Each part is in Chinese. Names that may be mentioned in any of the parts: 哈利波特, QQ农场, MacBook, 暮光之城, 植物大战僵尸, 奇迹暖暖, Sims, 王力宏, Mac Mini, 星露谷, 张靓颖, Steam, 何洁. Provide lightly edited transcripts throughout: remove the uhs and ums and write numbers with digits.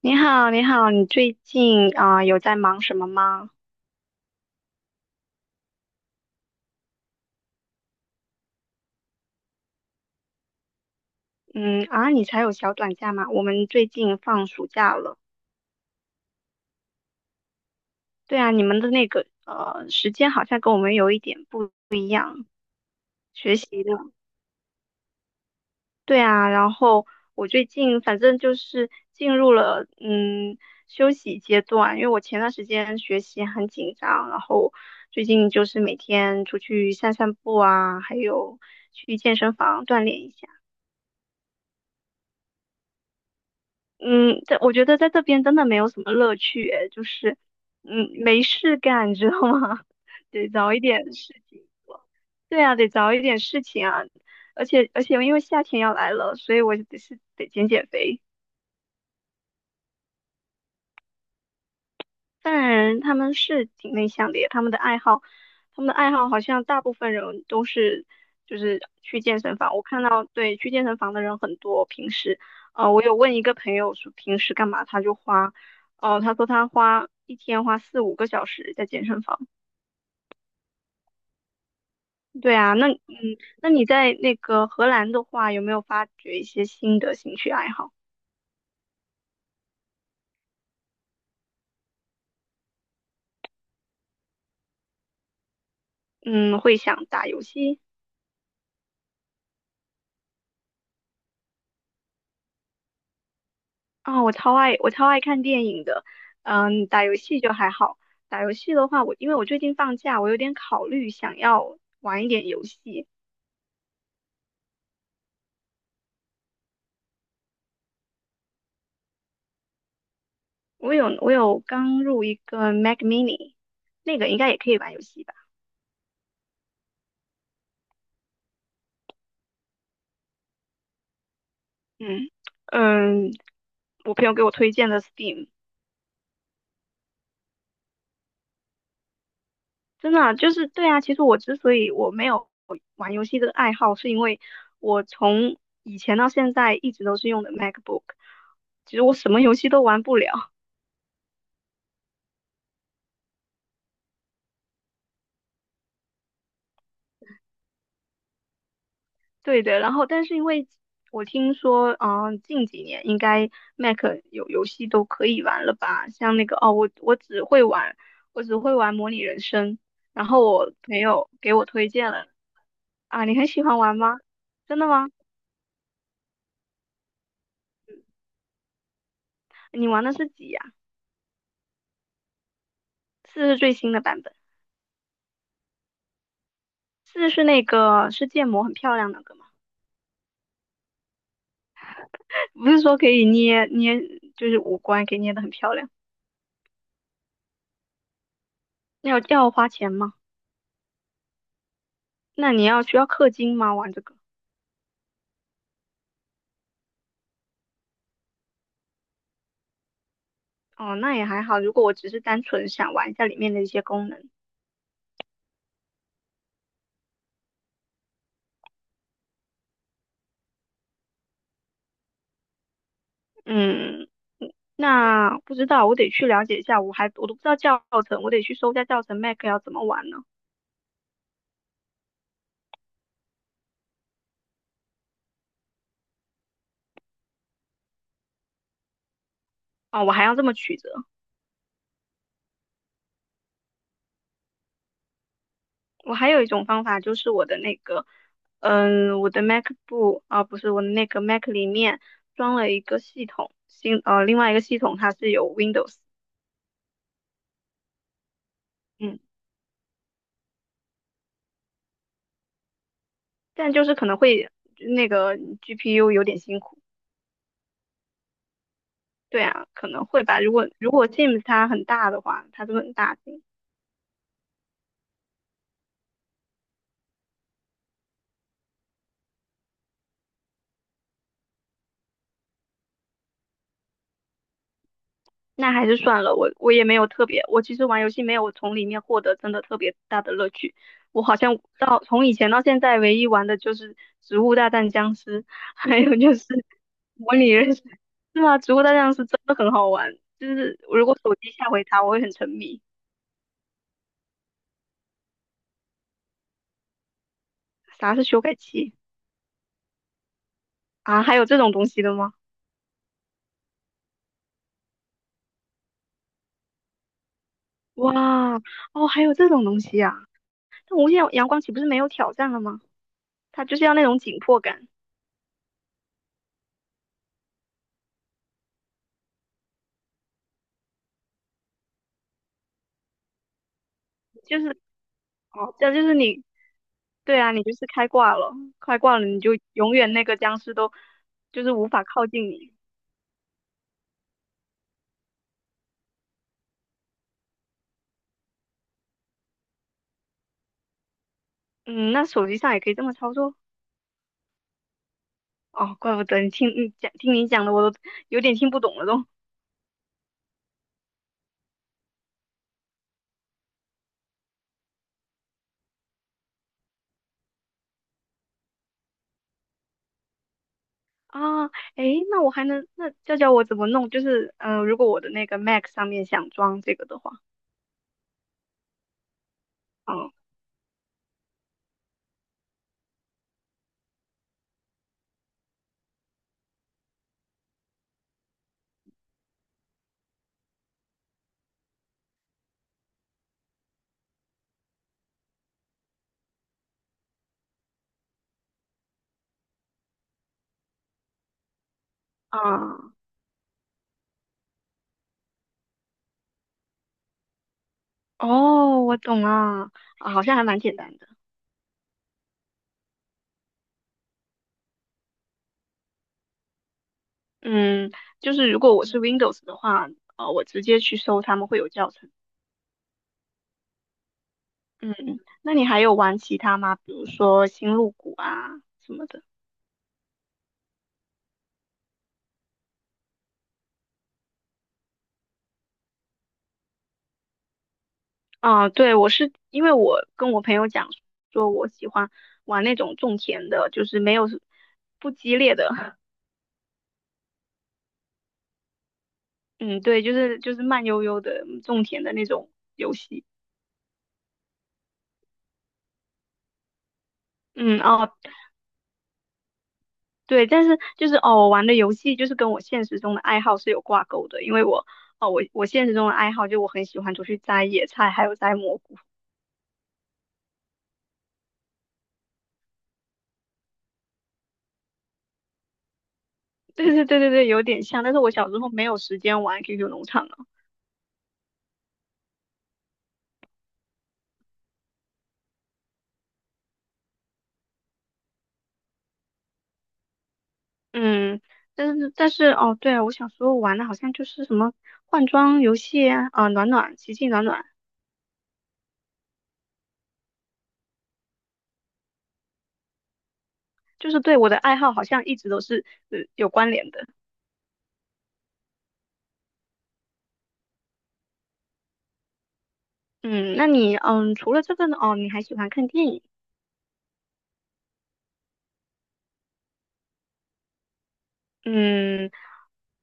你好，你好，你最近啊、有在忙什么吗？嗯啊，你才有小短假吗？我们最近放暑假了。对啊，你们的那个时间好像跟我们有一点不学习的。对啊，然后我最近反正就是进入了休息阶段，因为我前段时间学习很紧张，然后最近就是每天出去散散步啊，还有去健身房锻炼一下。嗯，在我觉得在这边真的没有什么乐趣，哎，就是，没事干，你知道吗？得找一点事情。对啊，得找一点事情啊，而且因为夏天要来了，所以我就是得减减肥。当然，他们是挺内向的耶他们的爱好，他们的爱好好像大部分人都是就是去健身房。我看到，对，去健身房的人很多。平时，我有问一个朋友说平时干嘛，他就花，哦、他说他花一天花四五个小时在健身房。对啊，那那你在那个荷兰的话，有没有发掘一些新的兴趣爱好？嗯，会想打游戏。啊，我超爱看电影的，打游戏就还好。打游戏的话，我因为我最近放假，我有点考虑想要玩一点游戏。我有刚入一个 Mac Mini,那个应该也可以玩游戏吧？嗯嗯，我朋友给我推荐的 Steam,真的啊就是对啊。其实我之所以我没有玩游戏的爱好，是因为我从以前到现在一直都是用的 MacBook,其实我什么游戏都玩不了。对的，然后但是因为我听说，近几年应该 Mac 有游戏都可以玩了吧？像那个哦，我只会玩模拟人生，然后我朋友给我推荐了，啊，你很喜欢玩吗？真的吗？你玩的是几呀、四是最新的版本，四是那个是建模很漂亮那个吗？不是说可以捏捏，就是五官给捏的很漂亮，要花钱吗？那你要需要氪金吗？玩这个？哦，那也还好。如果我只是单纯想玩一下里面的一些功能，嗯，那不知道，我得去了解一下。我都不知道教程，我得去搜一下教程 Mac 要怎么玩呢？哦，我还要这么曲折。我还有一种方法，就是我的那个，我的 MacBook 啊，不是我的那个 Mac 里面装了一个系统，另外一个系统它是有 Windows,嗯，但就是可能会那个 GPU 有点辛苦。对啊，可能会吧。如果 Sims 它很大的话，它就很大型，那还是算了。我也没有特别，我其实玩游戏没有从里面获得真的特别大的乐趣。我好像到从以前到现在，唯一玩的就是《植物大战僵尸》，还有就是模拟人生。是啊，《植物大战僵尸》真的很好玩，就是如果手机下回它，我会很沉迷。啥是修改器啊？还有这种东西的吗？哇，哦，还有这种东西啊！那无限阳光岂不是没有挑战了吗？它就是要那种紧迫感，就是哦，这样就是你对啊，你就是开挂了，开挂了你就永远那个僵尸都就是无法靠近你。嗯，那手机上也可以这么操作哦，怪不得你听你讲的我都有点听不懂了都啊，诶，那我还能那教教我怎么弄？就是如果我的那个 Mac 上面想装这个的话，嗯啊哦，我懂了啊，好像还蛮简单的。嗯，就是如果我是 Windows 的话，我直接去搜他们会有教程。嗯，那你还有玩其他吗？比如说星露谷啊什么的。啊，对，我是因为我跟我朋友讲说，我喜欢玩那种种田的，就是没有不激烈的。嗯，对，就是慢悠悠的种田的那种游戏。嗯，哦，对，但是就是哦，我玩的游戏就是跟我现实中的爱好是有挂钩的，因为我哦，我我现实中的爱好就我很喜欢出去摘野菜，还有摘蘑菇。对对对对对，有点像，但是我小时候没有时间玩 QQ 农场啊。嗯，但是哦，对啊，我小时候玩的好像就是什么换装游戏啊，啊、暖暖、奇迹暖暖，就是对我的爱好好像一直都是有关联的。嗯，那你除了这个呢，哦，你还喜欢看电影？嗯，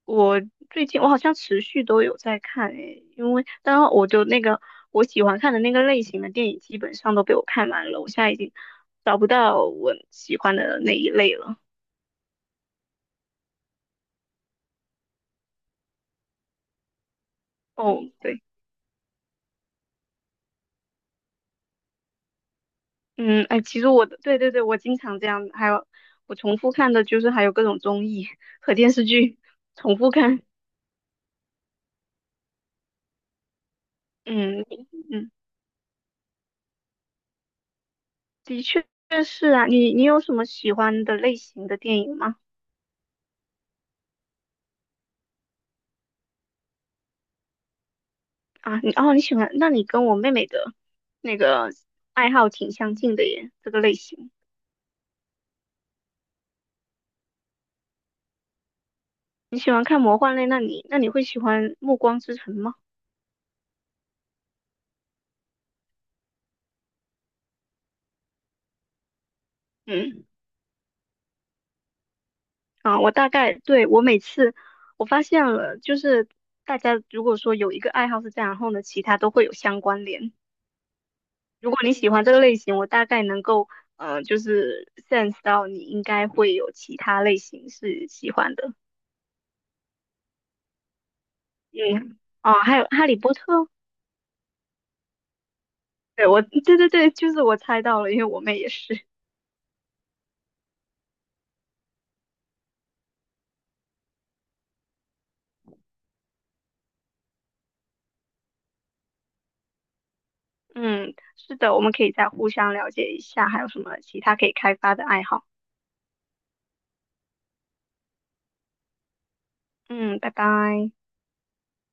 我最近我好像持续都有在看诶，因为当然我就那个我喜欢看的那个类型的电影基本上都被我看完了，我现在已经找不到我喜欢的那一类了。哦，对，嗯，哎，其实我的对对对，我经常这样，还有我重复看的就是还有各种综艺和电视剧重复看，嗯嗯，的确是啊，你有什么喜欢的类型的电影吗？啊，你哦，你喜欢，那你跟我妹妹的那个爱好挺相近的耶，这个类型。你喜欢看魔幻类，那你会喜欢《暮光之城》吗？嗯，啊，我大概对我每次我发现了，就是大家如果说有一个爱好是这样，然后呢，其他都会有相关联。如果你喜欢这个类型，我大概能够就是 sense 到你应该会有其他类型是喜欢的。嗯，哦，还有《哈利波特》。对，我，对对对，就是我猜到了，因为我妹也是。嗯，是的，我们可以再互相了解一下，还有什么其他可以开发的爱好。嗯，拜拜。